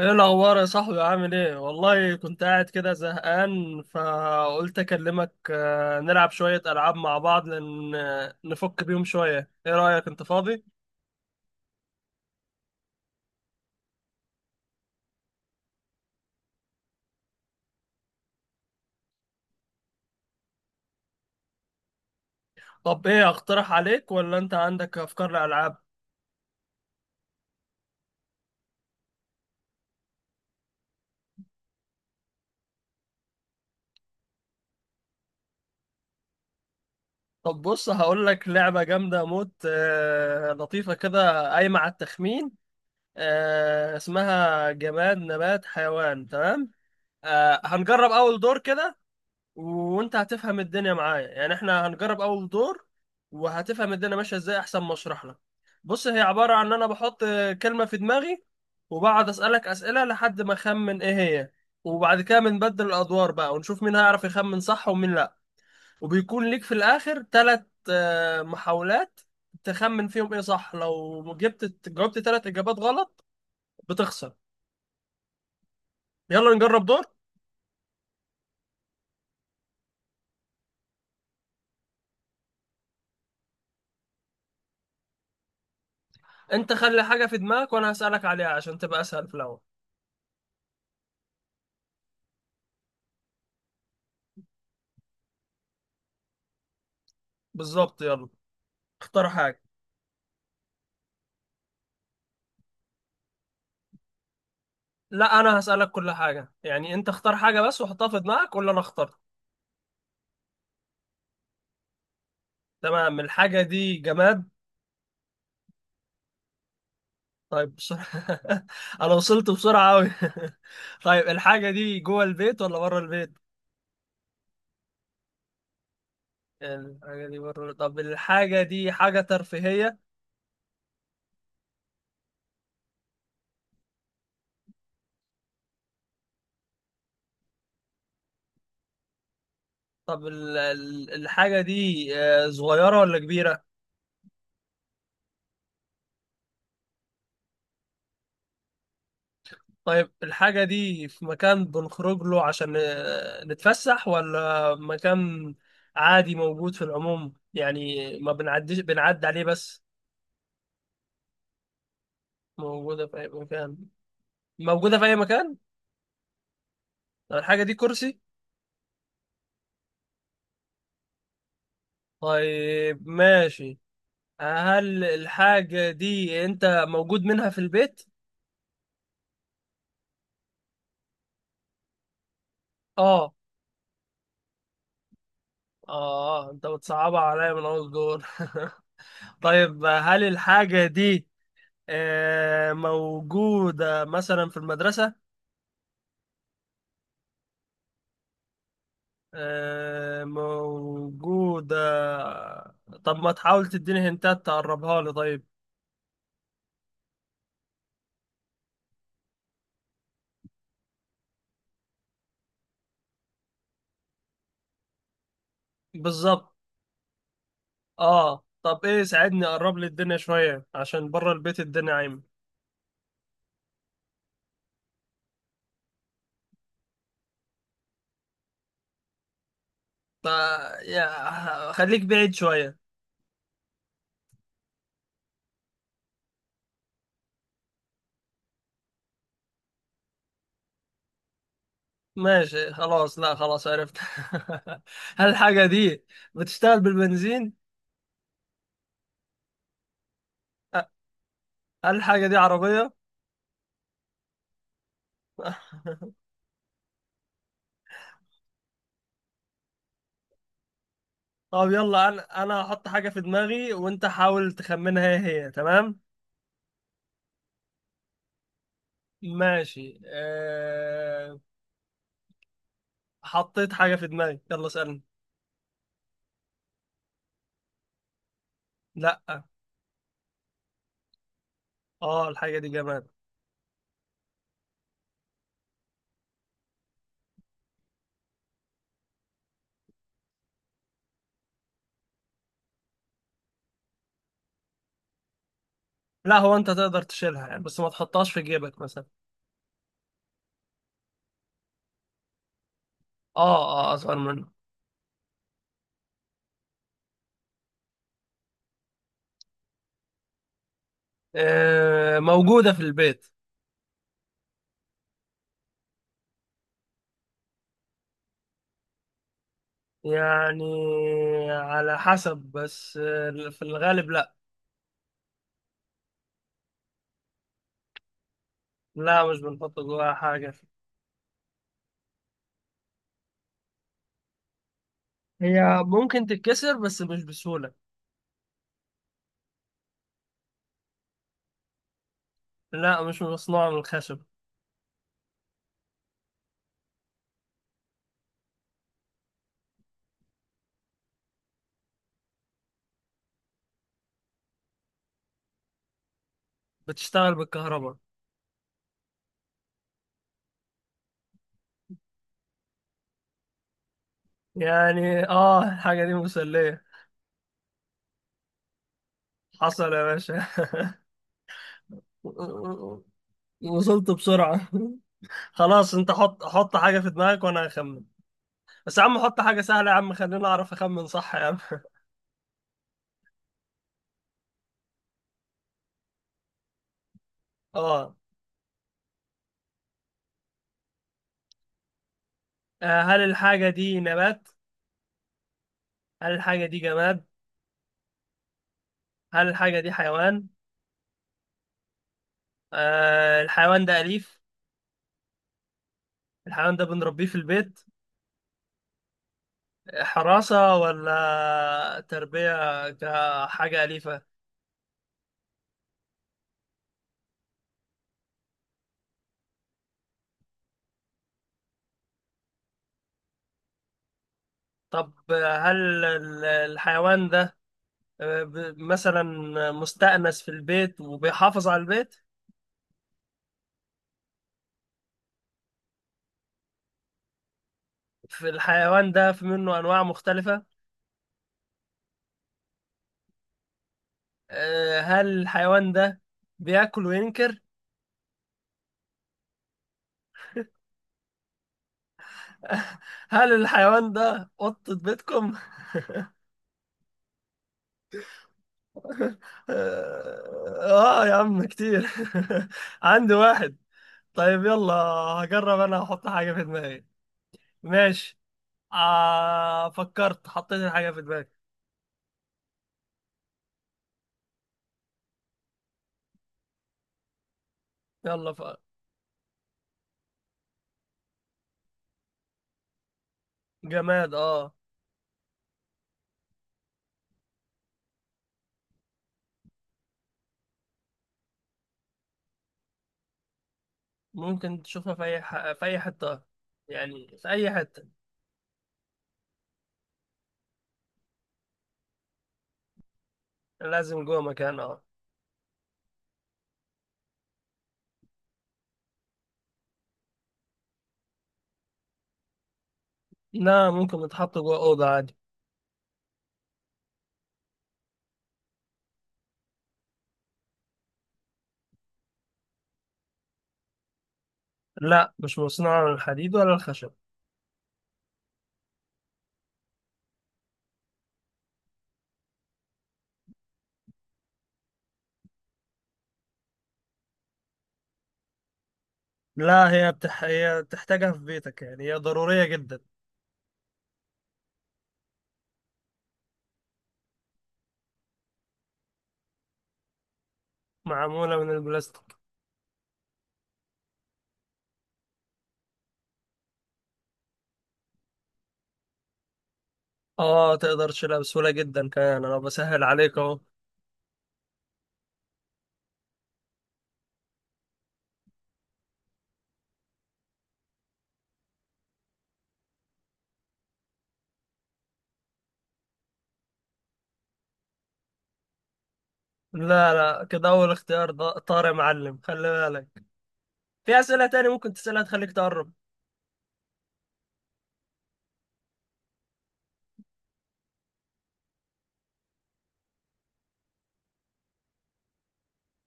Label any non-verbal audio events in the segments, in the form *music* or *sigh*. ايه الاخبار يا صاحبي؟ عامل ايه؟ والله كنت قاعد كده زهقان، فقلت اكلمك نلعب شوية العاب مع بعض، لان نفك بيهم شوية. ايه رأيك؟ انت فاضي؟ طب ايه، اقترح عليك ولا انت عندك افكار لالعاب؟ طب بص هقول لك لعبة جامدة موت، لطيفة كده، قايمة على التخمين. اسمها جماد نبات حيوان، تمام؟ هنجرب اول دور كده، وانت هتفهم الدنيا معايا. يعني احنا هنجرب اول دور وهتفهم الدنيا ماشيه ازاي احسن ما اشرح لك. بص هي عباره عن ان انا بحط كلمه في دماغي، وبقعد اسالك اسئله لحد ما اخمن ايه هي. وبعد كده بنبدل الادوار بقى، ونشوف مين هيعرف يخمن صح ومين لا. وبيكون ليك في الاخر 3 محاولات تخمن فيهم ايه صح. لو جبت جاوبت 3 اجابات غلط بتخسر. يلا نجرب دور. انت خلي حاجه في دماغك وانا هسالك عليها عشان تبقى اسهل في الاول. بالظبط، يلا اختار حاجة. لا، أنا هسألك كل حاجة. يعني أنت اختار حاجة بس وحطها في دماغك، ولا أنا اخترت. تمام. الحاجة دي جماد؟ طيب، بسرعة. *laughs* أنا وصلت بسرعة أوي. *laughs* طيب، الحاجة دي جوه البيت ولا بره البيت؟ الحاجة دي بره. طب الحاجة دي حاجة ترفيهية؟ طب الحاجة دي صغيرة ولا كبيرة؟ طيب الحاجة دي في مكان بنخرج له عشان نتفسح، ولا مكان عادي موجود في العموم؟ يعني ما بنعديش، بنعدي عليه بس. موجودة في أي مكان. موجودة في أي مكان. طب الحاجة دي كرسي؟ طيب، ماشي. هل الحاجة دي أنت موجود منها في البيت؟ آه. آه، أنت بتصعبها عليا من أول دور. *laughs* طيب، هل الحاجة دي موجودة مثلا في المدرسة؟ موجودة. طب ما تحاول تديني هنتات تقربها لي؟ طيب. بالظبط. اه طب ايه، ساعدني اقرب لي الدنيا شوية عشان بره البيت الدنيا عايمة. فا يا خليك بعيد شوية. ماشي خلاص، لا خلاص عرفت. *laughs* هل الحاجة دي بتشتغل بالبنزين؟ أ- هل الحاجة دي عربية؟ *laughs* طب يلا، انا هحط حاجة في دماغي وانت حاول تخمنها ايه هي، تمام؟ ماشي. حطيت حاجة في دماغي، يلا اسألني. لا. اه، الحاجة دي جماد. لا، هو انت تقدر تشيلها، يعني بس ما تحطهاش في جيبك مثلا. اه. اه، اصغر منه. آه موجودة في البيت. يعني على حسب، بس آه في الغالب لا. لا، مش بنحط جواها حاجة. هي ممكن تتكسر بس مش بسهولة. لا، مش مصنوعة من الخشب. بتشتغل بالكهرباء. يعني اه، الحاجة دي مسلية. حصل يا باشا. *laughs* وصلت بسرعة. خلاص انت حط حط حاجة في دماغك وانا هخمن. بس يا عم حط حاجة سهلة يا عم، خليني اعرف اخمن صح يا عم. *laughs* اه. هل الحاجة دي نبات؟ هل الحاجة دي جماد؟ هل الحاجة دي حيوان؟ آه، الحيوان ده أليف. الحيوان ده بنربيه في البيت حراسة ولا تربية كحاجة أليفة؟ طب هل الحيوان ده مثلا مستأنس في البيت وبيحافظ على البيت؟ في الحيوان ده في منه أنواع مختلفة؟ هل الحيوان ده بياكل وينكر؟ *laughs* هل الحيوان ده قطة بيتكم؟ *laughs* آه يا عم كتير. *laughs* عندي واحد. طيب يلا، هجرب أنا أحط حاجة في دماغي. ماشي. فكرت، حطيت الحاجة في دماغي. يلا. جماد، اه. ممكن تشوفها في أي حتة، يعني في أي حتة. لازم جوه مكان، اه. لا، ممكن تحط جوه أوضة عادي. لا، مش مصنوعة من الحديد ولا الخشب. لا، هي بتحتاجها في بيتك، يعني هي ضرورية جدا. معمولة من البلاستيك. اه تقدر تشيلها بسهولة جدا، كمان انا بسهل عليك اهو. لا لا، كده اول اختيار طار يا معلم، خلي بالك. في اسئلة تاني ممكن تسألها تخليك تقرب.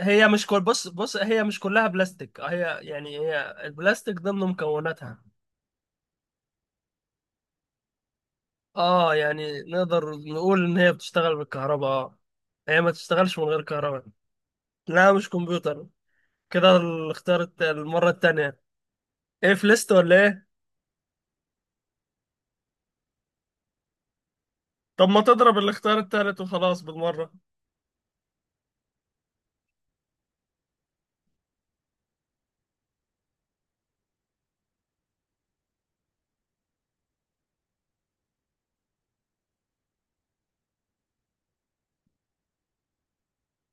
هي مش كل، بص بص هي مش كلها بلاستيك، هي يعني هي البلاستيك ضمن مكوناتها. اه يعني نقدر نقول ان هي بتشتغل بالكهرباء، اه. هي ما تشتغلش من غير كهرباء. لا مش كمبيوتر. كده الاختيار المرة التانية. ايه، في ليست ولا ايه؟ طب ما تضرب الاختيار التالت وخلاص بالمرة.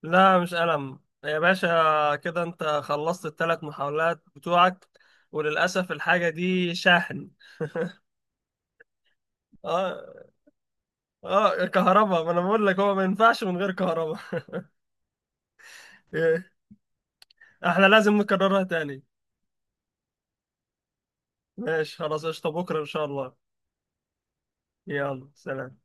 لا مش ألم يا باشا، كده انت خلصت التلات محاولات بتوعك، وللأسف الحاجة دي شاحن. اه. اه، كهرباء، ما انا بقول لك هو ما ينفعش من غير كهرباء. *laughs* احنا لازم نكررها تاني. ماشي خلاص، قشطة بكرة ان شاء الله. يلا سلام.